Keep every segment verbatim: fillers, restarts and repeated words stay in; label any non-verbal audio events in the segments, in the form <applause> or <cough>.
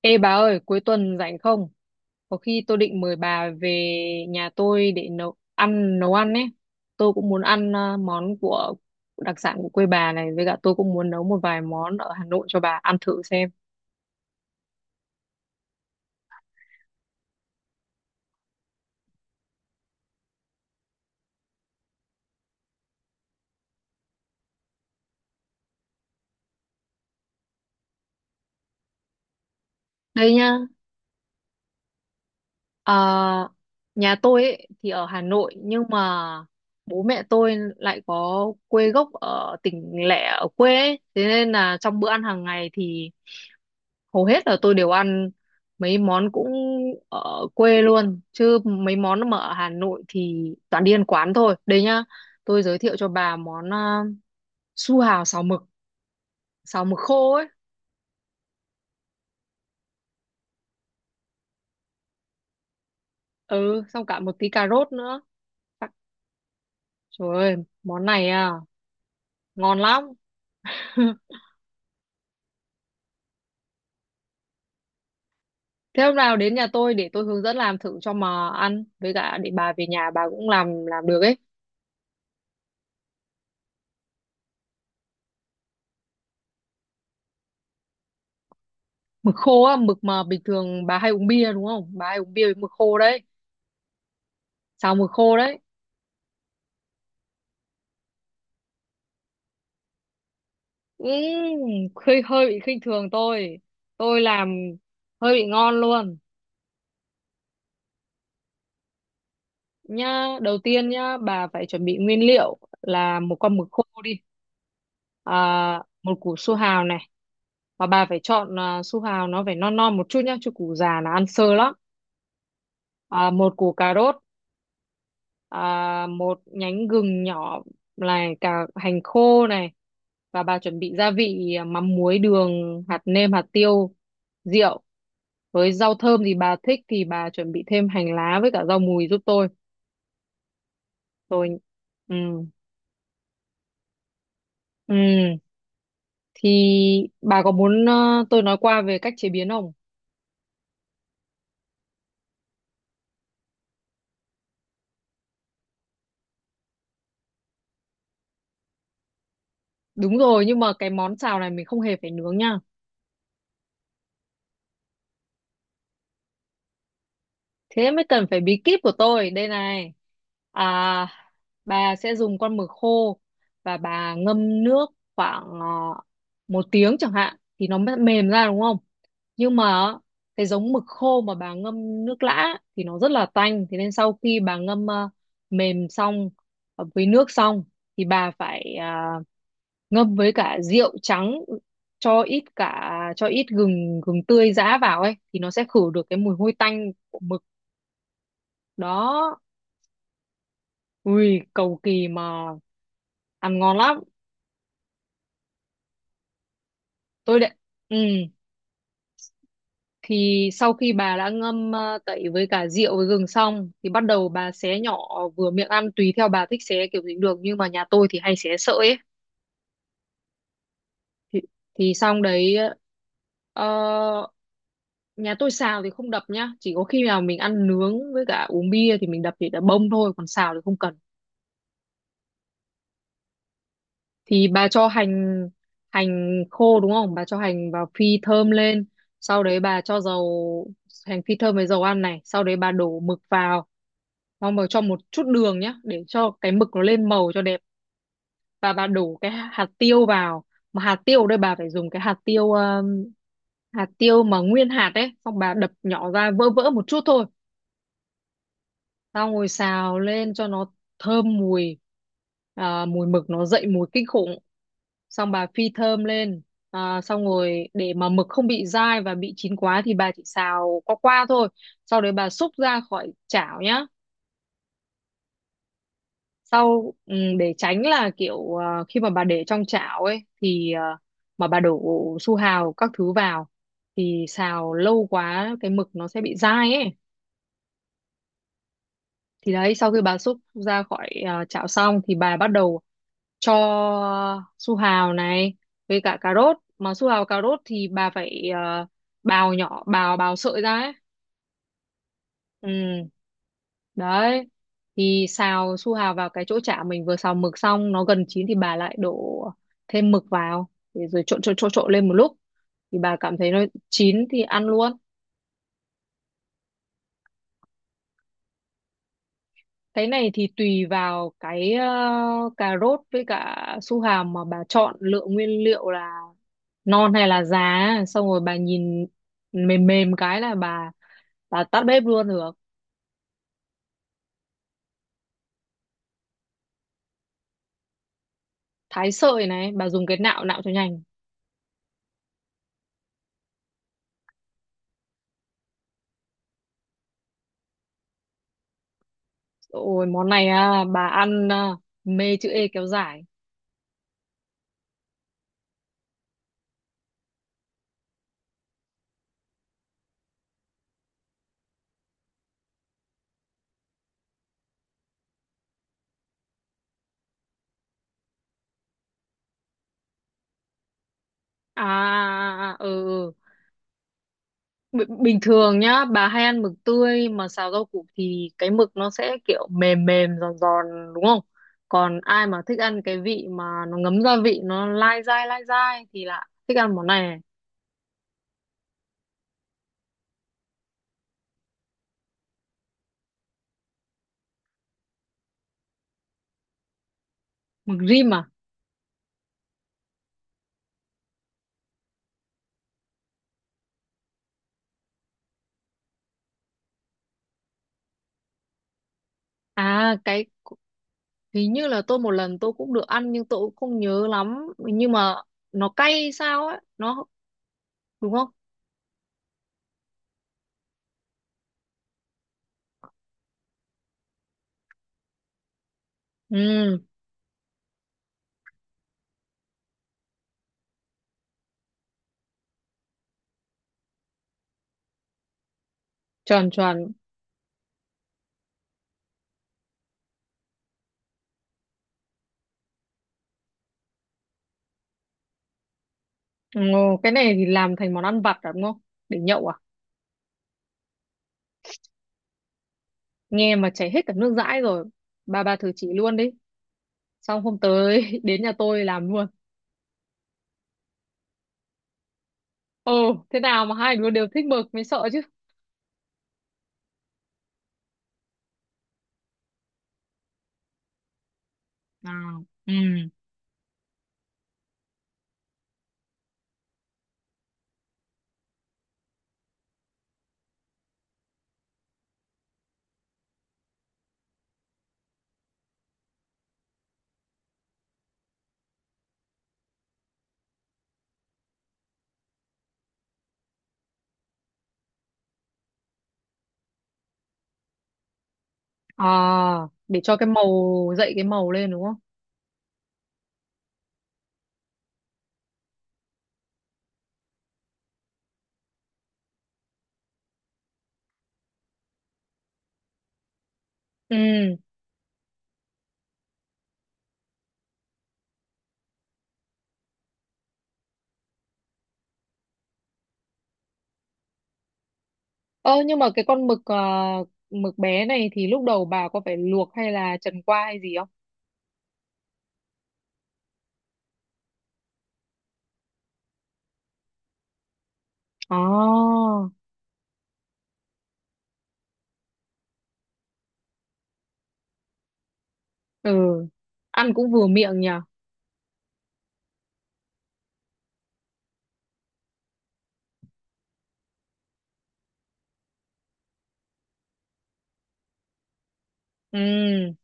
Ê bà ơi, cuối tuần rảnh không? Có khi tôi định mời bà về nhà tôi để nấu ăn nấu ăn ấy. Tôi cũng muốn ăn ờ, món của đặc sản của quê bà này, với cả tôi cũng muốn nấu một vài món ở Hà Nội cho bà ăn thử xem. Đây nhá. ờ, Nhà tôi ấy thì ở Hà Nội nhưng mà bố mẹ tôi lại có quê gốc ở tỉnh lẻ, ở quê ấy. Thế nên là trong bữa ăn hàng ngày thì hầu hết là tôi đều ăn mấy món cũng ở quê luôn, chứ mấy món mà ở Hà Nội thì toàn đi ăn quán thôi. Đây nhá, tôi giới thiệu cho bà món à, su hào xào mực, xào mực khô ấy. Ừ, xong cả một tí cà rốt nữa. Tắc- Trời ơi, món này à, ngon lắm. <laughs> Thế hôm nào đến nhà tôi để tôi hướng dẫn làm thử cho mà ăn, với cả để bà về nhà bà cũng làm làm được ấy. Mực khô á, mực mà bình thường bà hay uống bia đúng không, bà hay uống bia với mực khô đấy. Xào mực khô đấy. Ừ, hơi hơi bị khinh thường tôi tôi làm hơi bị ngon luôn. Nhá, đầu tiên nhá, bà phải chuẩn bị nguyên liệu là một con mực khô đi, à, một củ su hào này, và bà phải chọn à, su hào nó phải non non một chút nhá, chứ củ già là ăn sơ lắm. À, một củ cà rốt, à, một nhánh gừng nhỏ này, cả hành khô này, và bà chuẩn bị gia vị à, mắm muối, đường, hạt nêm, hạt tiêu, rượu, với rau thơm thì bà thích thì bà chuẩn bị thêm hành lá với cả rau mùi giúp tôi. Rồi, ừ, ừ thì bà có muốn ờ, tôi nói qua về cách chế biến không? Đúng rồi nhưng mà cái món xào này mình không hề phải nướng nha. Thế mới cần phải bí kíp của tôi. Đây này. À, bà sẽ dùng con mực khô và bà ngâm nước khoảng ờ, một tiếng chẳng hạn, thì nó mới mềm ra đúng không? Nhưng mà cái giống mực khô mà bà ngâm nước lã thì nó rất là tanh. Thế nên sau khi bà ngâm ờ, mềm xong, ờ, với nước xong, thì bà phải à, ngâm với cả rượu trắng, cho ít cả, cho ít gừng gừng tươi giã vào ấy, thì nó sẽ khử được cái mùi hôi tanh của mực. Đó, ui cầu kỳ mà ăn ngon lắm. Tôi đệ, ừ, thì sau khi bà đã ngâm ờ, tẩy với cả rượu với gừng xong thì bắt đầu bà xé nhỏ vừa miệng ăn, tùy theo bà thích xé kiểu gì cũng được nhưng mà nhà tôi thì hay xé sợi ấy. Thì, thì xong đấy. ờ, Nhà tôi xào thì không đập nhá, chỉ có khi nào mình ăn nướng với cả uống bia thì mình đập thì đã bông thôi, còn xào thì không cần. Thì bà cho hành, hành khô đúng không, bà cho hành vào phi thơm lên, sau đấy bà cho dầu, hành phi thơm với dầu ăn này, sau đấy bà đổ mực vào, xong rồi cho một chút đường nhá để cho cái mực nó lên màu cho đẹp, và bà đổ cái hạt tiêu vào. Mà hạt tiêu ở đây bà phải dùng cái hạt tiêu um, hạt tiêu mà nguyên hạt ấy, xong bà đập nhỏ ra, vỡ vỡ một chút thôi. Tao ngồi xào lên cho nó thơm mùi, à, mùi mực nó dậy mùi kinh khủng. Xong bà phi thơm lên, à, xong rồi để mà mực không bị dai và bị chín quá thì bà chỉ xào qua qua thôi, sau đấy bà xúc ra khỏi chảo nhá. Sau, ừ, để tránh là kiểu à, khi mà bà để trong chảo ấy thì à, mà bà đổ su hào các thứ vào thì xào lâu quá cái mực nó sẽ bị dai ấy. Thì đấy, sau khi bà xúc ra khỏi à, chảo xong thì bà bắt đầu cho su hào này với cả cà rốt, mà su hào cà rốt thì bà phải à, bào nhỏ, bào bào sợi ra ấy. Ừ đấy, thì xào su hào vào cái chỗ chả mình vừa xào mực xong, nó gần chín thì bà lại đổ thêm mực vào, để rồi trộn trộn trộn trộn lên một lúc, thì bà cảm thấy nó chín thì ăn luôn. Cái này thì tùy vào cái ờ, cà rốt với cả su hào mà bà chọn lựa nguyên liệu là non hay là già, xong rồi bà nhìn mềm mềm cái là bà bà tắt bếp luôn được. Thái sợi này bà dùng cái nạo nạo cho nhanh. Ôi món này à, bà ăn à, mê chữ E kéo dài. À, à, à, ừ, ừ. B- bình thường nhá bà hay ăn mực tươi mà xào rau củ thì cái mực nó sẽ kiểu mềm mềm giòn giòn đúng không, còn ai mà thích ăn cái vị mà nó ngấm gia vị nó lai dai lai dai thì là thích ăn món này, này. Mực rim à? À cái hình như là tôi một lần tôi cũng được ăn nhưng tôi cũng không nhớ lắm, nhưng mà nó cay sao ấy, nó đúng không? Ừ, tròn tròn. Ồ, cái này thì làm thành món ăn vặt à, đúng không, để nhậu à? Nghe mà chảy hết cả nước dãi rồi, bà bà thử chỉ luôn đi. Xong hôm tới <laughs> đến nhà tôi làm luôn. Ồ, thế nào mà hai đứa đều thích mực mới sợ chứ. Nào, ừ, à, để cho cái màu dậy cái màu lên đúng không. Ừ, ơ nhưng mà cái con mực ờ, mực bé này thì lúc đầu bà có phải luộc hay là trần qua hay gì không? Ồ, ừ, ăn cũng vừa miệng nhỉ. Ừ,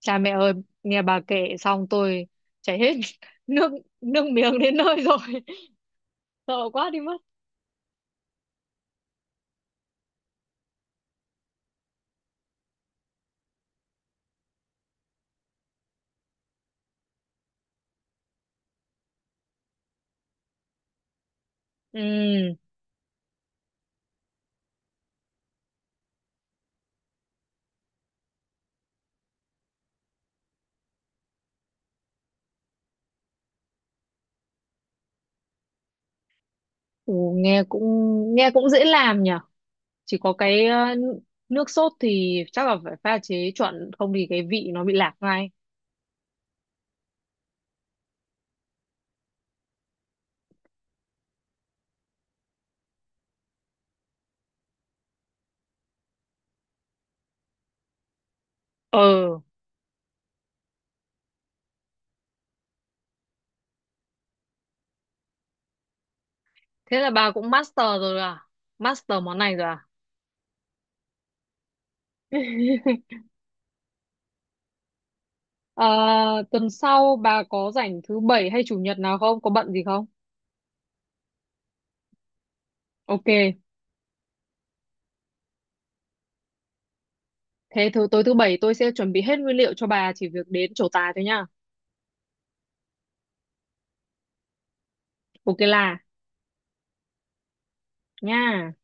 cha mẹ ơi, nghe bà kể xong tôi chảy hết <laughs> nước, nước miếng đến nơi rồi. <laughs> Sợ quá đi mất. Ừ. Ồ, nghe cũng nghe cũng dễ làm nhở. Chỉ có cái ờ, nước sốt thì chắc là phải pha chế chuẩn, không thì cái vị nó bị lạc ngay. Ờ, thế là bà cũng master rồi à? Master món này rồi à? <laughs> Ờ, tuần sau bà có rảnh thứ bảy hay chủ nhật nào không? Có bận gì không? Ok, thế thứ tối thứ bảy tôi sẽ chuẩn bị hết nguyên liệu cho bà chỉ việc đến trổ tài thôi nhá. Ok là nha.